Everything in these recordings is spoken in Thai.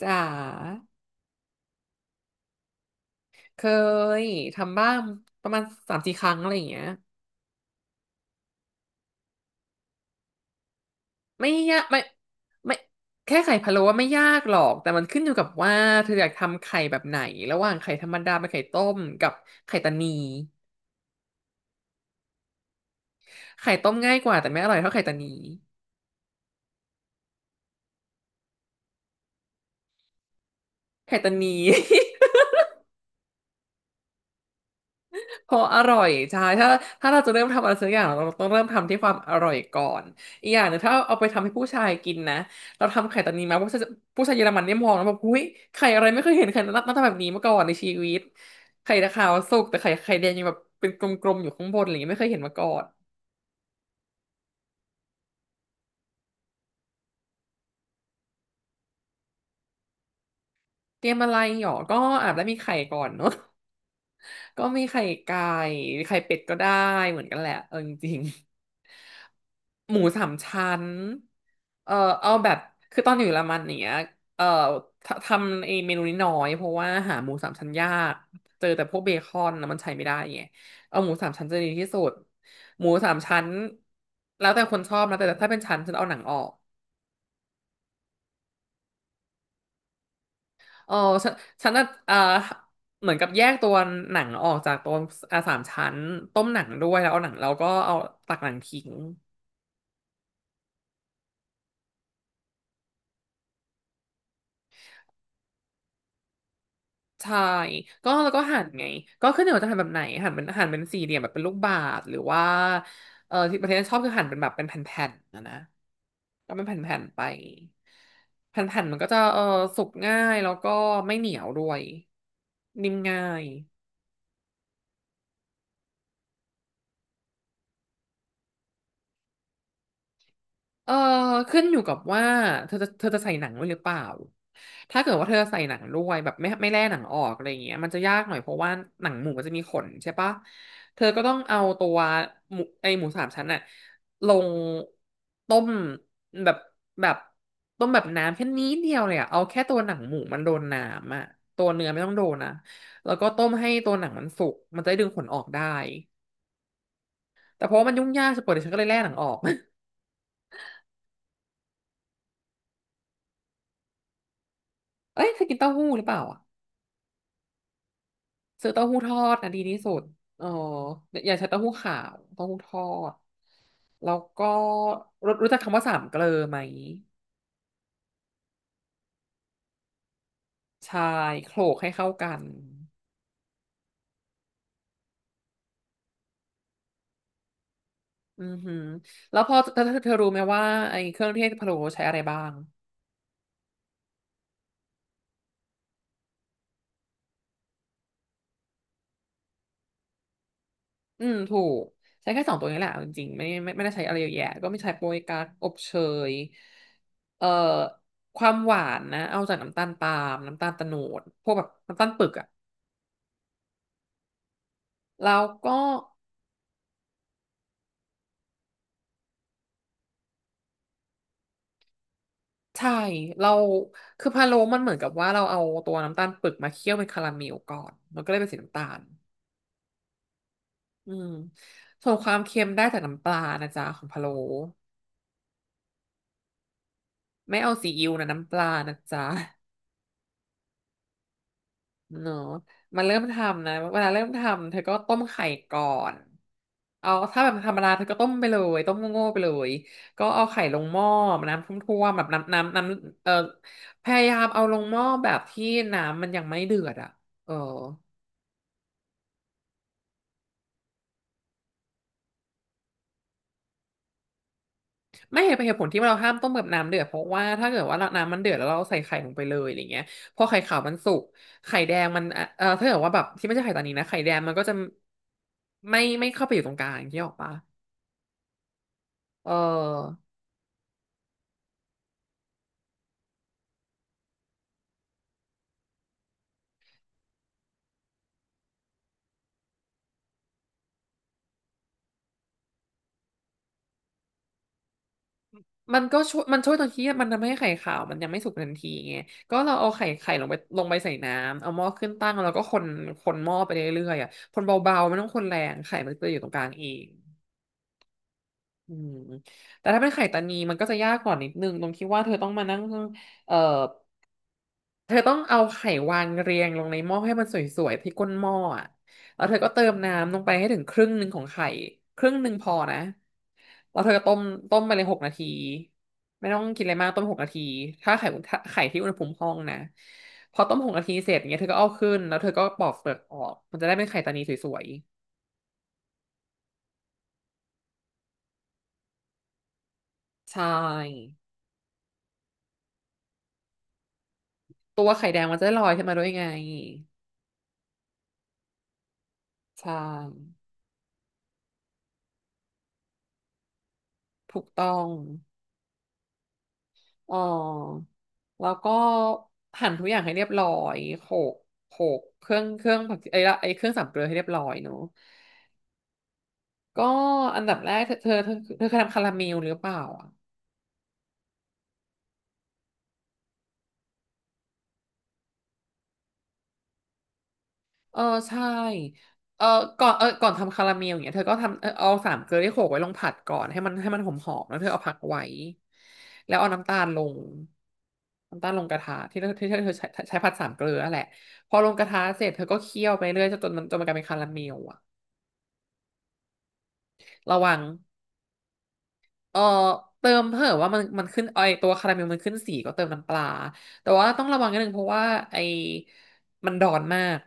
จ๋าเคยทำบ้างประมาณสามสี่ครั้งอะไรอย่างเงี้ยไม่ยากไม่ไม่แค่ไข่พะโล้ว่าไม่ยากหรอกแต่มันขึ้นอยู่กับว่าเธออยากทำไข่แบบไหนระหว่างไข่ธรรมดาเป็นไข่ต้มกับไข่ตานีไข่ต้มง่ายกว่าแต่ไม่อร่อยเท่าไข่ตานีไข่ตานี ออร่อยใช่ถ้าเราจะเริ่มทำอะไรสักอย่างเราต้องเริ่มทำที่ความอร่อยก่อนอีกอย่างหนึงถ้าเอาไปทำให้ผู้ชายกินนะเราทำไข่ตอนนี้มาผู้ชายเยอรมันเนี่ยมองแล้วแบบหุ้ยไข่อะไรไม่เคยเห็นไข่หน้าตาแบบนี้มาก่อนในชีวิตไข่ตะขาวสุกแต่ไข่แดงยังแบบเป็นกลมๆอยู่ข้างบนอะไรอย่างเงี้ยไม่เคยเห็นมาก่อนเตรียมอะไรหรอก็อาจจะมีไข่ก่อนเนาะ ก็มีไข่ไก่ไข่เป็ดก็ได้เหมือนกันแหละอจริงๆหมูสามชั้นเออเอาแบบคือตอนอยู่เยอรมันงเนี้ยเออททำไอ้เมนูนี้น้อยเพราะว่าหาหมูสามชั้นยากเจอแต่พวกเบคอนนะมันใช้ไม่ได้ไงเอาหมูสามชั้นจะดีที่สุดหมูสามชั้นแล้วแต่คนชอบนะแต่ถ้าเป็นชั้นฉันเอาหนังออก เออฉันฉันน่ะเออเหมือนกับแยกตัวหนังออกจากตัวสามชั้นต้มหนังด้วยแล้วเอาหนังแล้วก็เอาตักหนังทิ้งใช่ก็แล้วก็หั่นไงก็ขึ้นอยู่ว่าจะหั่นแบบไหนหั่นเป็นสี่เหลี่ยมแบบเป็นลูกบาศก์หรือว่าเออที่ประเทศชอบคือหั่นเป็นแบบเป็นแผ่นๆนะก็เป็นแผ่นๆไปแผ่นๆมันก็จะสุกง่ายแล้วก็ไม่เหนียวด้วยนิ่มง่าย เออขึ้นอยู่กับว่าเธอจะใส่หนังด้วยหรือเปล่าถ้าเกิดว่าเธอใส่หนังด้วยแบบไม่แล่หนังออกอะไรอย่างเงี้ยมันจะยากหน่อยเพราะว่าหนังหมูมันจะมีขนใช่ปะเธอก็ต้องเอาตัวหมูหมูสามชั้นอะลงต้มแบบแบบต้มแบบน้ำแค่นี้เดียวเลยอะเอาแค่ตัวหนังหมูมันโดนน้ำอะตัวเนื้อไม่ต้องโดนนะแล้วก็ต้มให้ตัวหนังมันสุกมันจะได้ดึงขนออกได้แต่เพราะว่ามันยุ่งยากสปอยเดี๋ยวฉันก็เลยแล่หนังออก เอ้ยเธอกินเต้าหู้หรือเปล่าอะ ซื้อเต้าหู้ทอดนะดีที่สุดเอออย่าใช้เต้าหู้ขาวเต้าหู้ทอดแล้วก็รู้จักคำว่าสามเกลอไหมใช่โขลกให้เข้ากันอือหือแล้วพอเธอรู้ไหมว่าไอ้เครื่องเทศพะโล้ใช้อะไรบ้างอืมถูกใช้แค่สองตัวนี้แหละเอาจริงๆไม่ได้ใช้อะไรเยอะแยะก็ไม่ใช้โป๊ยกั๊กอบเชยเอ่อความหวานนะเอาจากน้ำตาลปาล์มน้ำตาลโตนดพวกแบบน้ำตาลปึกอะแล้วก็ ใช่เราคือพะโล้มันเหมือนกับว่าเราเอาตัวน้ำตาลปึกมาเคี่ยวเป็นคาราเมลก่อนมันก็เลยเป็นสีน้ำตาลอืมส่วนความเค็มได้จากน้ำปลานะจ๊ะของพะโล้ไม่เอาซีอิ๊วนะน้ำปลานะจ๊ะ เนาะมาเริ่มทำนะเวลาเริ่มทำเธอก็ต้มไข่ก่อนเอาถ้าแบบธรรมดาเธอก็ต้มไปเลยต้มโง่ๆไปเลยก็เอาไข่ลงหม้อน้ำท่วมๆแบบน้ำพยายามเอาลงหม้อแบบที่น้ำมันยังไม่เดือดอ่ะเออ ไม่เห็นเป็นเหตุผลที่เราห้ามต้มกับน้ำเดือดเพราะว่าถ้าเกิดว่าน้ำมันเดือดแล้วเราใส่ไข่ลงไปเลยอะไรเงี้ยพอไข่ขาวมันสุกไข่แดงมันถ้าเกิดว่าแบบที่ไม่ใช่ไข่ตอนนี้นะไข่แดงมันก็จะไม่เข้าไปอยู่ตรงกลางที่ออกปะเออมันก็ช่วยมันช่วยตรงที่มันทำให้ไข่ขาวมันยังไม่สุกทันทีไงก็เราเอาไข่ลงไปใส่น้ำเอาหม้อขึ้นตั้งแล้วก็คนหม้อไปเรื่อยๆอ่ะคนเบาๆไม่ต้องคนแรงไข่มันจะอยู่ตรงกลางเอง อืมแต่ถ้าเป็นไข่ตานีมันก็จะยากกว่านิดนึงตรงที่ว่าเธอต้องมานั่งเอ่อเธอต้องเอาไข่วางเรียงลงในหม้อให้มันสวยๆที่ก้นหม้ออะแล้วเธอก็เติมน้ำลงไปให้ถึงครึ่งหนึ่งของไข่ครึ่งหนึ่งพอนะแล้วเธอก็ต้มไปเลยหกนาทีไม่ต้องกินอะไรมากต้มหกนาทีถ้าไข่ที่อุณหภูมิห้องนะพอต้มหกนาทีเสร็จเงี้ยเธอก็เอาขึ้นแล้วเธอก็ปอกเปลือกออกมันจะได้เป็นไข่ตานีสวยๆใช่ตัวไข่แดงมันจะได้ลอยขึ้นมาด้วยไง ใช่ถูกต้องอ๋อแล้วก็หั่นทุกอย่างให้เรียบร้อยโขลกโขลกเครื่องผักไอ้ละไอ้เครื่องสามเกลือให้เรียบร้อยเนอะก็อันดับแรกเธอเคยทำคาราเมลหรือเปล่าอ่ะ เออใช่เออก่อนทำคาราเมลอย่างเงี้ยเธอก็ทำเอาสามเกลือที่โขลกไว้ลงผัดก่อนให้มันหอมๆแล้วเธอเอาผักไว้แล้วเอาน้ำตาลลงน้ำตาลลงกระทะที่เธอใช้ผัดสามเกลือนั่นแหละพอลงกระทะเสร็จเธอก็เคี่ยวไปเรื่อยจนมันกลายเป็นคาราเมลอะระวังเออเติมเถอว่ามันขึ้นไอตัวคาราเมลมันขึ้นสีก็เติมน้ำปลาแต่ว่าต้องระวังนิดนึงเพราะว่าไอมันดอนมาก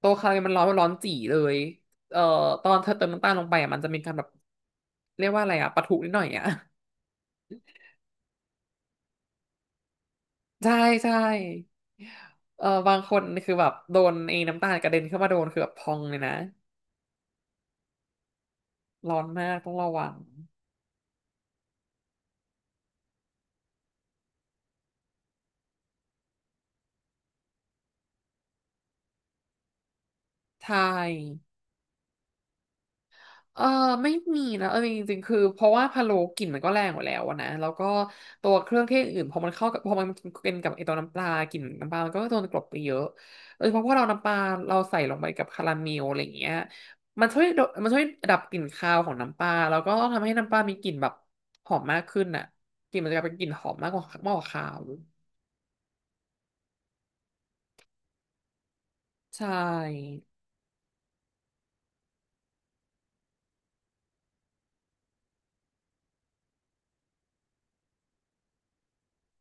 ตัวคาราเมลมันร้อนจี่เลยเอ่อตอนเธอเติมน้ำตาลลงไปอ่ะมันจะมีการแบบเรียกว่าอะไรอ่ะปะทุนิดหน่อยอ่ะ ใช่ใช่บางคนคือแบบโดนไอ้น้ำตาลกระเด็นเข้ามาโดนคือแบบพองเลยนะร้อนมากต้องระวังใช่ เออไม่มีนะเออจริงๆคือเพราะว่าพะโล้กลิ่นมันก็แรงอยู่แล้วอะนะแล้วก็ตัวเครื่องเทศอื่นพอมันเป็นกับไอตัวน้ำปลากลิ่นน้ำปลามันก็โดนกลบไปเยอะโดยเฉพาะพอเราน้ำปลาเราใส่ลงไปกับคาราเมลอะไรอย่างเงี้ยมันช่วยดับกลิ่นคาวของน้ำปลาแล้วก็ทำให้น้ำปลามีกลิ่นแบบหอมมากขึ้นน่ะกลิ่นมันจะกลายเป็นกลิ่นหอมมากกว่าคาวใช่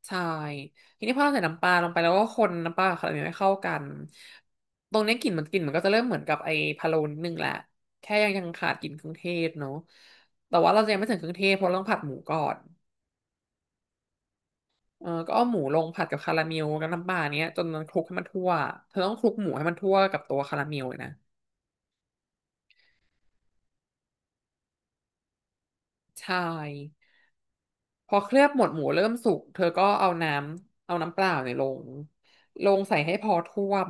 ใช่ทีนี้พอเราใส่น้ำปลาลงไปแล้วก็คนน้ำปลาขนาดนี้ไม่เข้ากันตรงเนี้ยกลิ่นมันก็จะเริ่มเหมือนกับไอ้พะโล้นิดนึงแหละแค่ยังขาดกลิ่นเครื่องเทศเนาะแต่ว่าเราจะยังไม่ถึงเครื่องเทศเพราะเราต้องผัดหมูก่อนเออก็เอาหมูลงผัดกับคาราเมลกับน้ำปลาเนี้ยจนมันคลุกให้มันทั่วเธอต้องคลุกหมูให้มันทั่วกับตัวคาราเมลเลยนะใช่พอเคลือบหมดหมูเริ่มสุกเธอก็เอาน้ำเปล่าเนี่ยลงใส่ให้พอท่วม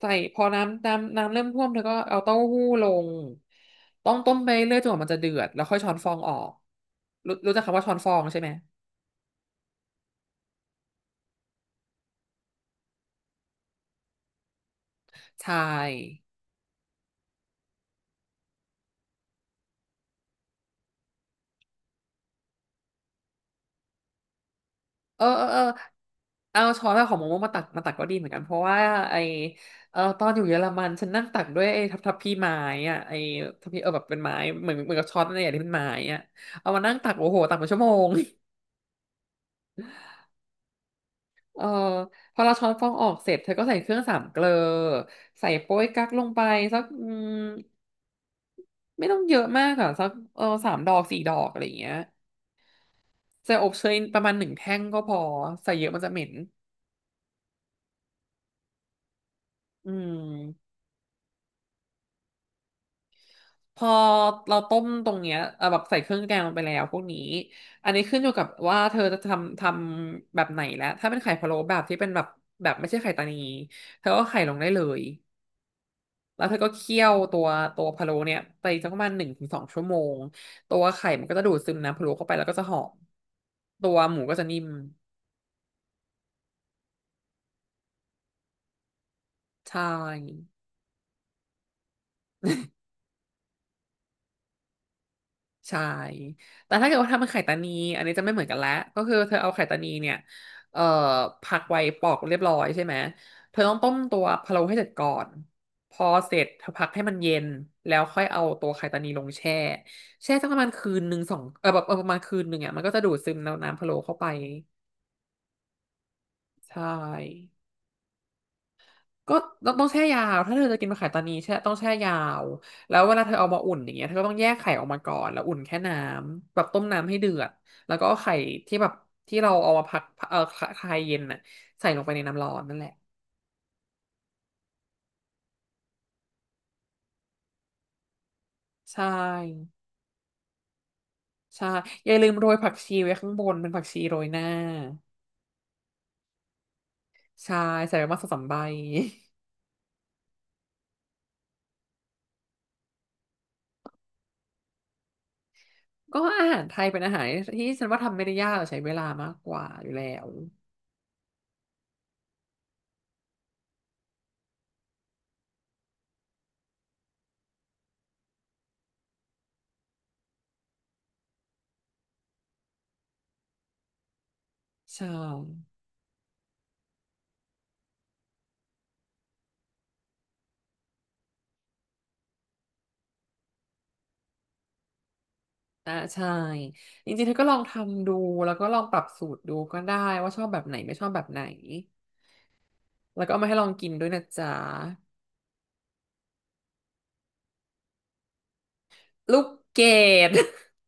ใส่พอน้ำเริ่มท่วมเธอก็เอาเต้าหู้ลงต้องต้มไปเรื่อยจนกว่ามันจะเดือดแล้วค่อยช้อนฟองออกรู้จักคำว่าช้อนฟองใช่ไหมใช่เออเอาช้อนของโมโมมามาตักก็ดีเหมือนกันเพราะว่าไอเออตอนอยู่เยอรมันฉันนั่งตักด้วยไอ้ทับพี่ไม้อะไอ้ทับพี่เออแบบเป็นไม้เหมือนกับช้อนอะไรอย่างที่เป็นไม้อะเอามานั่งตักโอ้โหตักเป็นชั่วโมง เออพอเราช้อนฟองออกเสร็จเธอก็ใส่เครื่องสามเกลอใส่โป๊ยกั๊กลงไปสักไม่ต้องเยอะมากอ่ะสักสามดอกสี่ดอกอะไรอย่างเงี้ยใส่อบเชยประมาณหนึ่งแท่งก็พอใส่เยอะมันจะเหม็นอืมพอเราต้มตรงเนี้ยแบบใส่เครื่องแกงลงไปแล้วพวกนี้อันนี้ขึ้นอยู่กับว่าเธอจะทำแบบไหนแล้วถ้าเป็นไข่พะโล้แบบที่เป็นแบบแบบไม่ใช่ไข่ตานีเธอก็ไข่ลงได้เลยแล้วเธอก็เคี่ยวตัวพะโล้เนี่ยไปสักประมาณ1 ถึง 2 ชั่วโมงตัวไข่มันก็จะดูดซึมน้ำพะโล้เข้าไปแล้วก็จะหอมตัวหมูก็จะนิ่มใช่ ใช่ แต่ถ้าเกิดว่าทำเป็นไข่ตานีอันนี้จะไม่เหมือนกันแล้ว ก็คือเธอเอาไข่ตานีเนี่ย เอ่อ พักไว้ปอกเรียบร้อยใช่ไหม เธอต้องต้มตัวพะโล้ให้เสร็จก่อน พอเสร็จเธอพักให้มันเย็น แล้วค่อยเอาตัวไข่ตานีลงแช่ แช่สักประมาณคืนหนึ่งสองเออแบบเออประมาณคืนหนึ่งอ่ะมันก็จะดูดซึมน้ำพะโล้เข้าไป ใช่ ก็ต้องแช่ยาวถ้าเธอจะกินมะขามตานีแช่ต้องแช่ยาวแล้วเวลาเธอเอามาอุ่นอย่างเงี้ยเธอก็ต้องแยกไข่ออกมาก่อนแล้วอุ่นแค่น้ำแบบต้มน้ำให้เดือดแล้วก็เอาไข่ที่แบบที่เราเอามาพักเอ่อคลายเย็นน่ะใส่ลงไปในน้ำร้อนนั่นแหละใช่ใช่อย่าลืมโรยผักชีไว้ข้างบนเป็นผักชีโรยหน้าใช่ใส่ไปมาสองสามใบ ก็อาหารไทยเป็นอาหารที่ฉันว่าทำไม่ได้ยากแต่ใช้เวลามากกว่าอยู่แล้วใช่ อ่าใช่จริงๆเธอก็ลองทำดูแล้วก็ลองปรับสูตรดูก็ได้ว่าชอบแบบไหนไม่ชอบแบบไหนแล้วก็เอามาให้ลองกินด้วยนะจ๊ะลูกเกด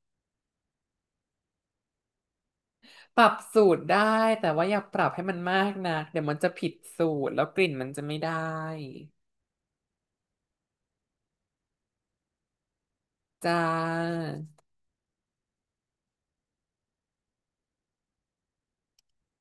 ปรับสูตรได้แต่ว่าอย่าปรับให้มันมากนะเดี๋ยวมันจะผิดสูตรแล้วกลิ่นมันจะไม่ได้จ้า